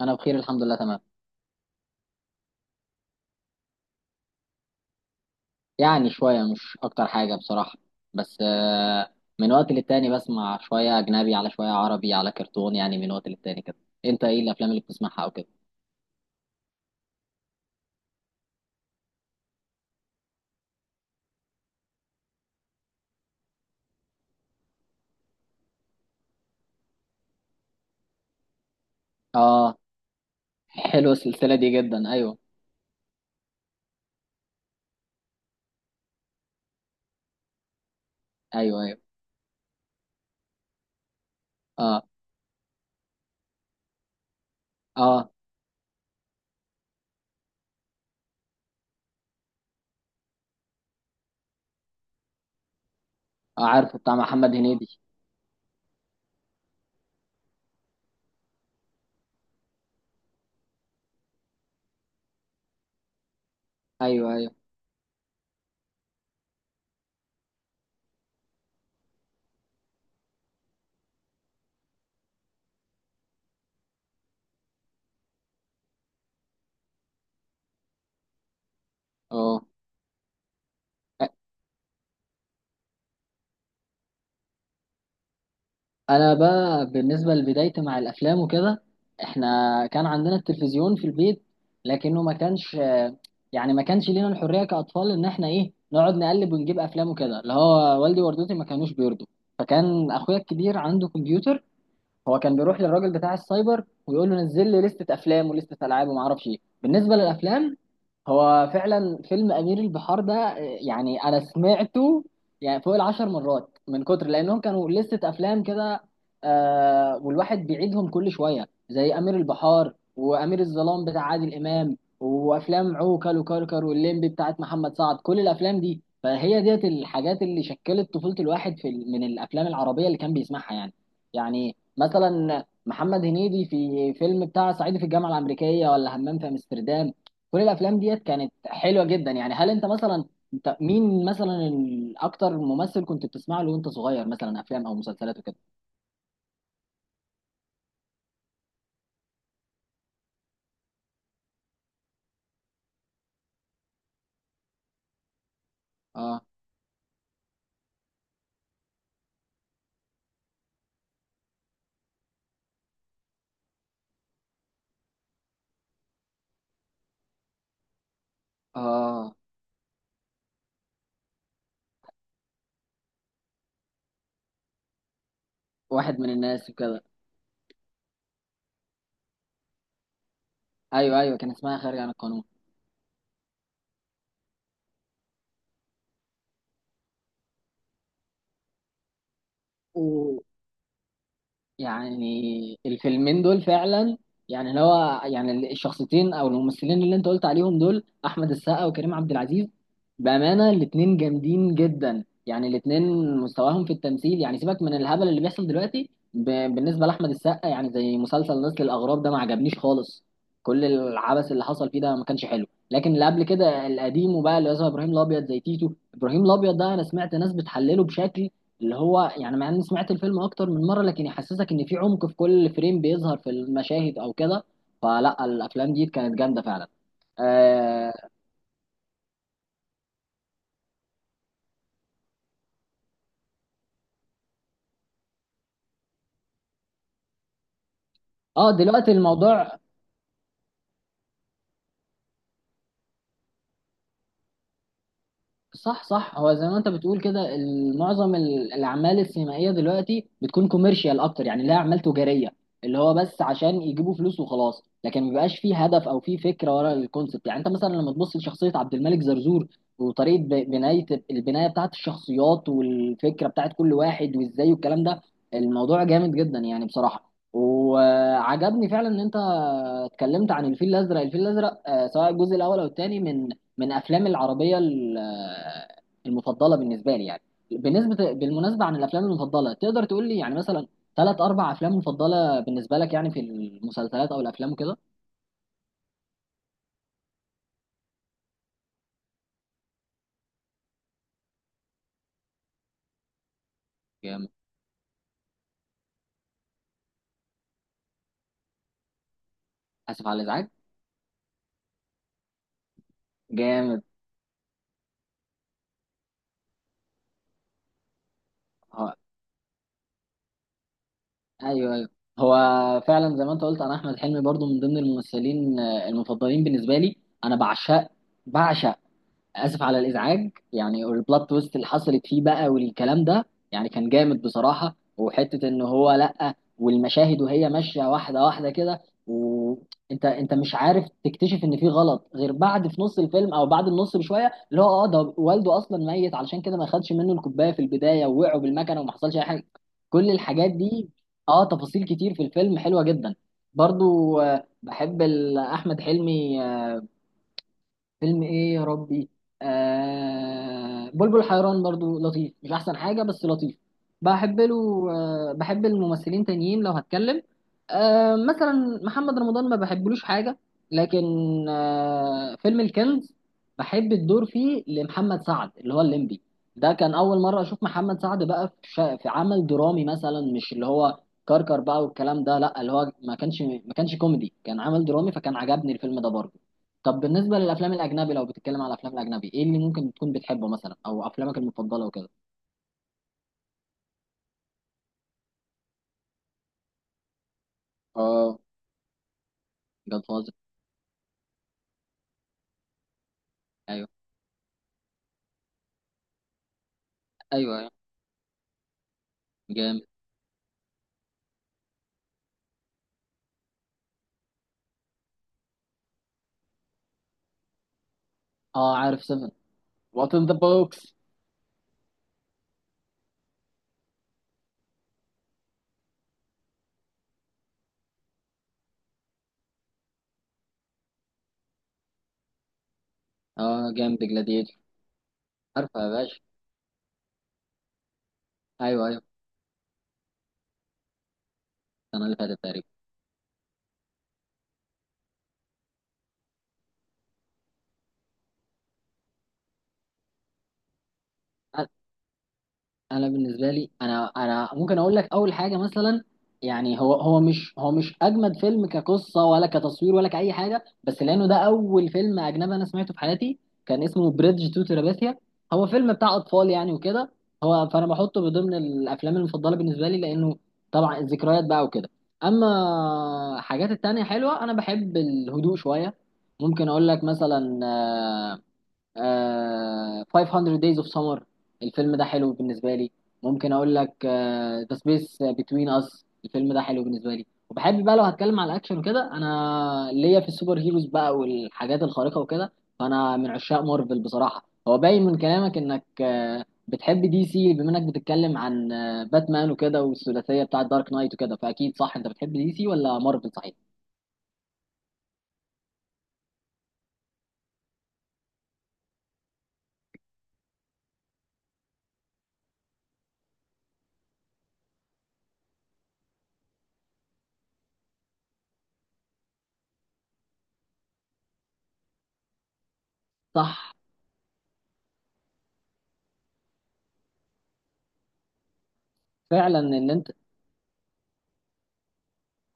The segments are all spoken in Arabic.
انا بخير الحمد لله تمام. يعني شويه مش اكتر حاجه بصراحه. بس من وقت للتاني بسمع شويه اجنبي على شويه عربي على كرتون، يعني من وقت للتاني كده. انت ايه الافلام اللي بتسمعها او كده؟ اه، حلوه السلسله دي جدا. ايوه ايوه ايوه. اه اه. آه، عارفه، بتاع محمد هنيدي. ايوه ايوه اه. انا بقى بالنسبه لبدايتي مع الافلام وكده، احنا كان عندنا التلفزيون في البيت، لكنه ما كانش، يعني ما كانش لينا الحريه كاطفال ان احنا ايه نقعد نقلب ونجيب افلام وكده، اللي هو والدي ووالدتي ما كانوش بيرضوا. فكان اخويا الكبير عنده كمبيوتر، هو كان بيروح للراجل بتاع السايبر ويقول له نزل لي لستة افلام ولستة العاب وما اعرفش ايه. بالنسبه للافلام، هو فعلا فيلم امير البحار ده يعني انا سمعته يعني فوق 10 مرات من كتر لانهم كانوا لستة افلام كده. آه، والواحد بيعيدهم كل شويه زي امير البحار وامير الظلام بتاع عادل امام وافلام عوكل وكركر واللمبي بتاعت محمد سعد. كل الافلام دي فهي ديت الحاجات اللي شكلت طفوله الواحد في من الافلام العربيه اللي كان بيسمعها يعني. يعني مثلا محمد هنيدي في فيلم بتاع صعيدي في الجامعه الامريكيه، ولا همام في امستردام. كل الافلام ديت كانت حلوه جدا يعني. هل انت مثلا مين مثلا اكتر ممثل كنت بتسمع له وانت صغير، مثلا افلام او مسلسلات وكده؟ اه اه. واحد من الناس وكده. ايوه ايوه، كان اسمها خارج عن القانون. يعني الفيلمين دول فعلا، يعني اللي هو يعني الشخصيتين او الممثلين اللي انت قلت عليهم دول احمد السقا وكريم عبد العزيز، بامانه الاتنين جامدين جدا. يعني الاتنين مستواهم في التمثيل يعني سيبك من الهبل اللي بيحصل دلوقتي بالنسبه لاحمد السقا، يعني زي مسلسل نسل الاغراب ده ما عجبنيش خالص. كل العبث اللي حصل فيه ده ما كانش حلو، لكن اللي قبل كده القديم وبقى اللي هو ابراهيم الابيض زي تيتو، ابراهيم الابيض ده انا سمعت ناس بتحلله بشكل، اللي هو يعني مع اني سمعت الفيلم اكتر من مره لكن يحسسك ان في عمق في كل فريم بيظهر في المشاهد او كده. فلا، الافلام دي كانت جامده فعلا. اه. دلوقتي الموضوع صح صح، هو زي ما انت بتقول كده معظم الاعمال السينمائيه دلوقتي بتكون كوميرشال اكتر، يعني لها اعمال تجاريه، اللي هو بس عشان يجيبوا فلوس وخلاص. لكن ما بيبقاش فيه هدف او فيه فكره ورا الكونسبت. يعني انت مثلا لما تبص لشخصيه عبد الملك زرزور وطريقه بنايه البنايه بتاعت الشخصيات والفكره بتاعت كل واحد وازاي والكلام ده، الموضوع جامد جدا يعني بصراحه. وعجبني فعلا ان انت اتكلمت عن الفيل الازرق، الفيل الازرق سواء الجزء الاول او الثاني من من افلام العربيه المفضله بالنسبه لي يعني. بالنسبه بالمناسبه عن الافلام المفضله، تقدر تقول لي يعني مثلا ثلاث اربع افلام مفضله بالنسبه لك، يعني في المسلسلات او الافلام وكده؟ جامد. اسف على الازعاج. جامد. هو ايوه ايوه. هو فعلا زي ما انت قلت، انا احمد حلمي برضو من ضمن الممثلين المفضلين بالنسبه لي. انا بعشق، بعشق اسف على الازعاج. يعني البلوت تويست اللي حصلت فيه بقى والكلام ده يعني كان جامد بصراحه. وحته ان هو لا، والمشاهد وهي ماشيه واحده واحده كده وانت مش عارف تكتشف ان في غلط غير بعد في نص الفيلم او بعد النص بشويه، اللي هو اه ده والده اصلا ميت، علشان كده ما خدش منه الكوبايه في البدايه، ووقعوا بالمكنه وما حصلش اي حاجه. كل الحاجات دي. اه، تفاصيل كتير في الفيلم حلوه جدا. برضو بحب احمد حلمي. فيلم ايه يا ربي، آه بلبل حيران برضو لطيف، مش احسن حاجة بس لطيف. بحب له آه، بحب الممثلين تانيين لو هتكلم، آه مثلا محمد رمضان ما بحبلوش حاجة. لكن آه، فيلم الكنز بحب الدور فيه لمحمد سعد اللي هو الليمبي. ده كان أول مرة أشوف محمد سعد بقى في عمل درامي مثلا، مش اللي هو كركر بقى والكلام ده. لا، اللي هو ما كانش كوميدي، كان عمل درامي، فكان عجبني الفيلم ده برضه. طب بالنسبة للأفلام الأجنبي، لو بتتكلم على الأفلام الأجنبي إيه اللي ممكن تكون بتحبه مثلا، أو أفلامك المفضلة وكده؟ آه، جاد فازر. أيوه أيوه أيوه. جامد. آه، عارف سيفن. وات إن ذا بوكس. آه جامد، جلاديتور. عارفه يا باشا. أيوه أيوه. السنة اللي فاتت تقريبا. انا بالنسبه لي انا ممكن اقول لك اول حاجه مثلا، يعني هو مش اجمد فيلم كقصه ولا كتصوير ولا كاي حاجه، بس لانه ده اول فيلم اجنبي انا سمعته في حياتي، كان اسمه بريدج تو تراباثيا. هو فيلم بتاع اطفال يعني وكده. هو فانا بحطه بضمن الافلام المفضله بالنسبه لي لانه طبعا الذكريات بقى وكده. اما حاجات التانية حلوه، انا بحب الهدوء شويه. ممكن اقول لك مثلا آه 500 Days of Summer، الفيلم ده حلو بالنسبة لي. ممكن أقول لك آه The Space Between Us، الفيلم ده حلو بالنسبة لي. وبحب بقى لو هتكلم على الأكشن وكده، أنا ليا في السوبر هيروز بقى والحاجات الخارقة وكده، فأنا من عشاق مارفل بصراحة. هو باين من كلامك إنك بتحب دي سي، بما إنك بتتكلم عن باتمان وكده والثلاثية بتاعة دارك نايت وكده، فأكيد صح، أنت بتحب دي سي ولا مارفل صحيح؟ صح فعلا ان انت.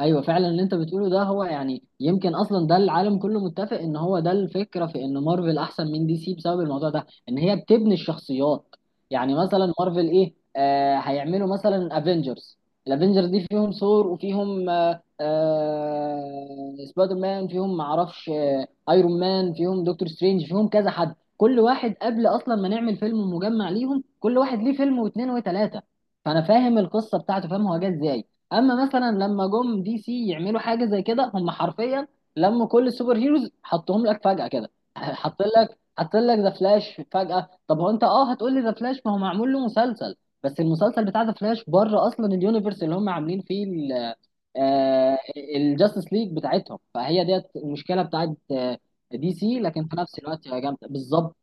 ايوه فعلا اللي انت بتقوله ده، هو يعني يمكن اصلا ده العالم كله متفق ان هو ده الفكره في ان مارفل احسن من دي سي بسبب الموضوع ده، ان هي بتبني الشخصيات. يعني مثلا مارفل ايه آه، هيعملوا مثلا افنجرز. الافنجرز دي فيهم ثور، وفيهم سبايدر مان، فيهم معرفش آه ايرون مان، فيهم دكتور سترينج، فيهم كذا حد. كل واحد قبل اصلا ما نعمل فيلم مجمع ليهم، كل واحد ليه فيلم واثنين وثلاثه، فانا فاهم القصه بتاعته، فاهم هو جه ازاي. اما مثلا لما جم دي سي يعملوا حاجه زي كده، هم حرفيا لموا كل السوبر هيروز حطهم لك فجاه كده. حط لك، ذا فلاش فجاه. طب هو انت اه هتقول لي ذا فلاش ما هو معمول له مسلسل. بس المسلسل بتاع ذا فلاش بره اصلا اليونيفرس اللي هم عاملين فيه آه، الجاستس ليج بتاعتهم. فهي ديت المشكله بتاعت دي سي، لكن في نفس الوقت هي جامده بالظبط.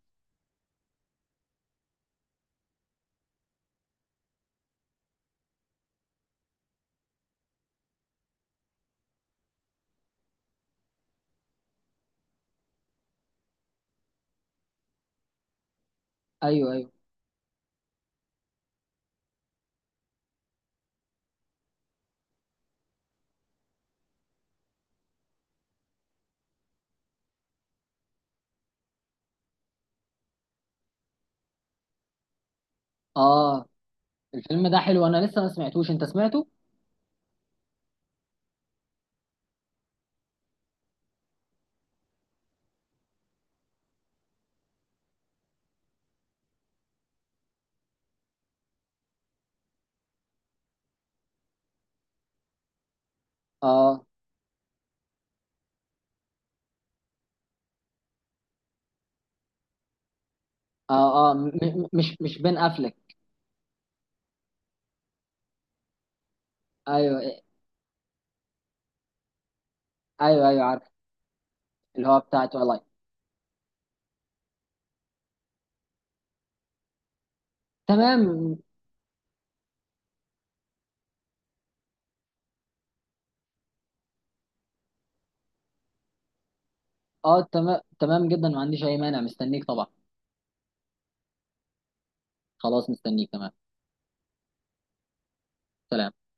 ايوه ايوه. اه، الفيلم ده حلو، انا لسه ما سمعتوش. انت سمعته؟ اه اه اه مش بين افلك. ايوه ايوه ايوه عارف. اللي هو بتاع تويلايت. تمام. اه تمام تمام جدا، ما عنديش اي مانع، مستنيك طبعا. خلاص مستنيك تمام. سلام.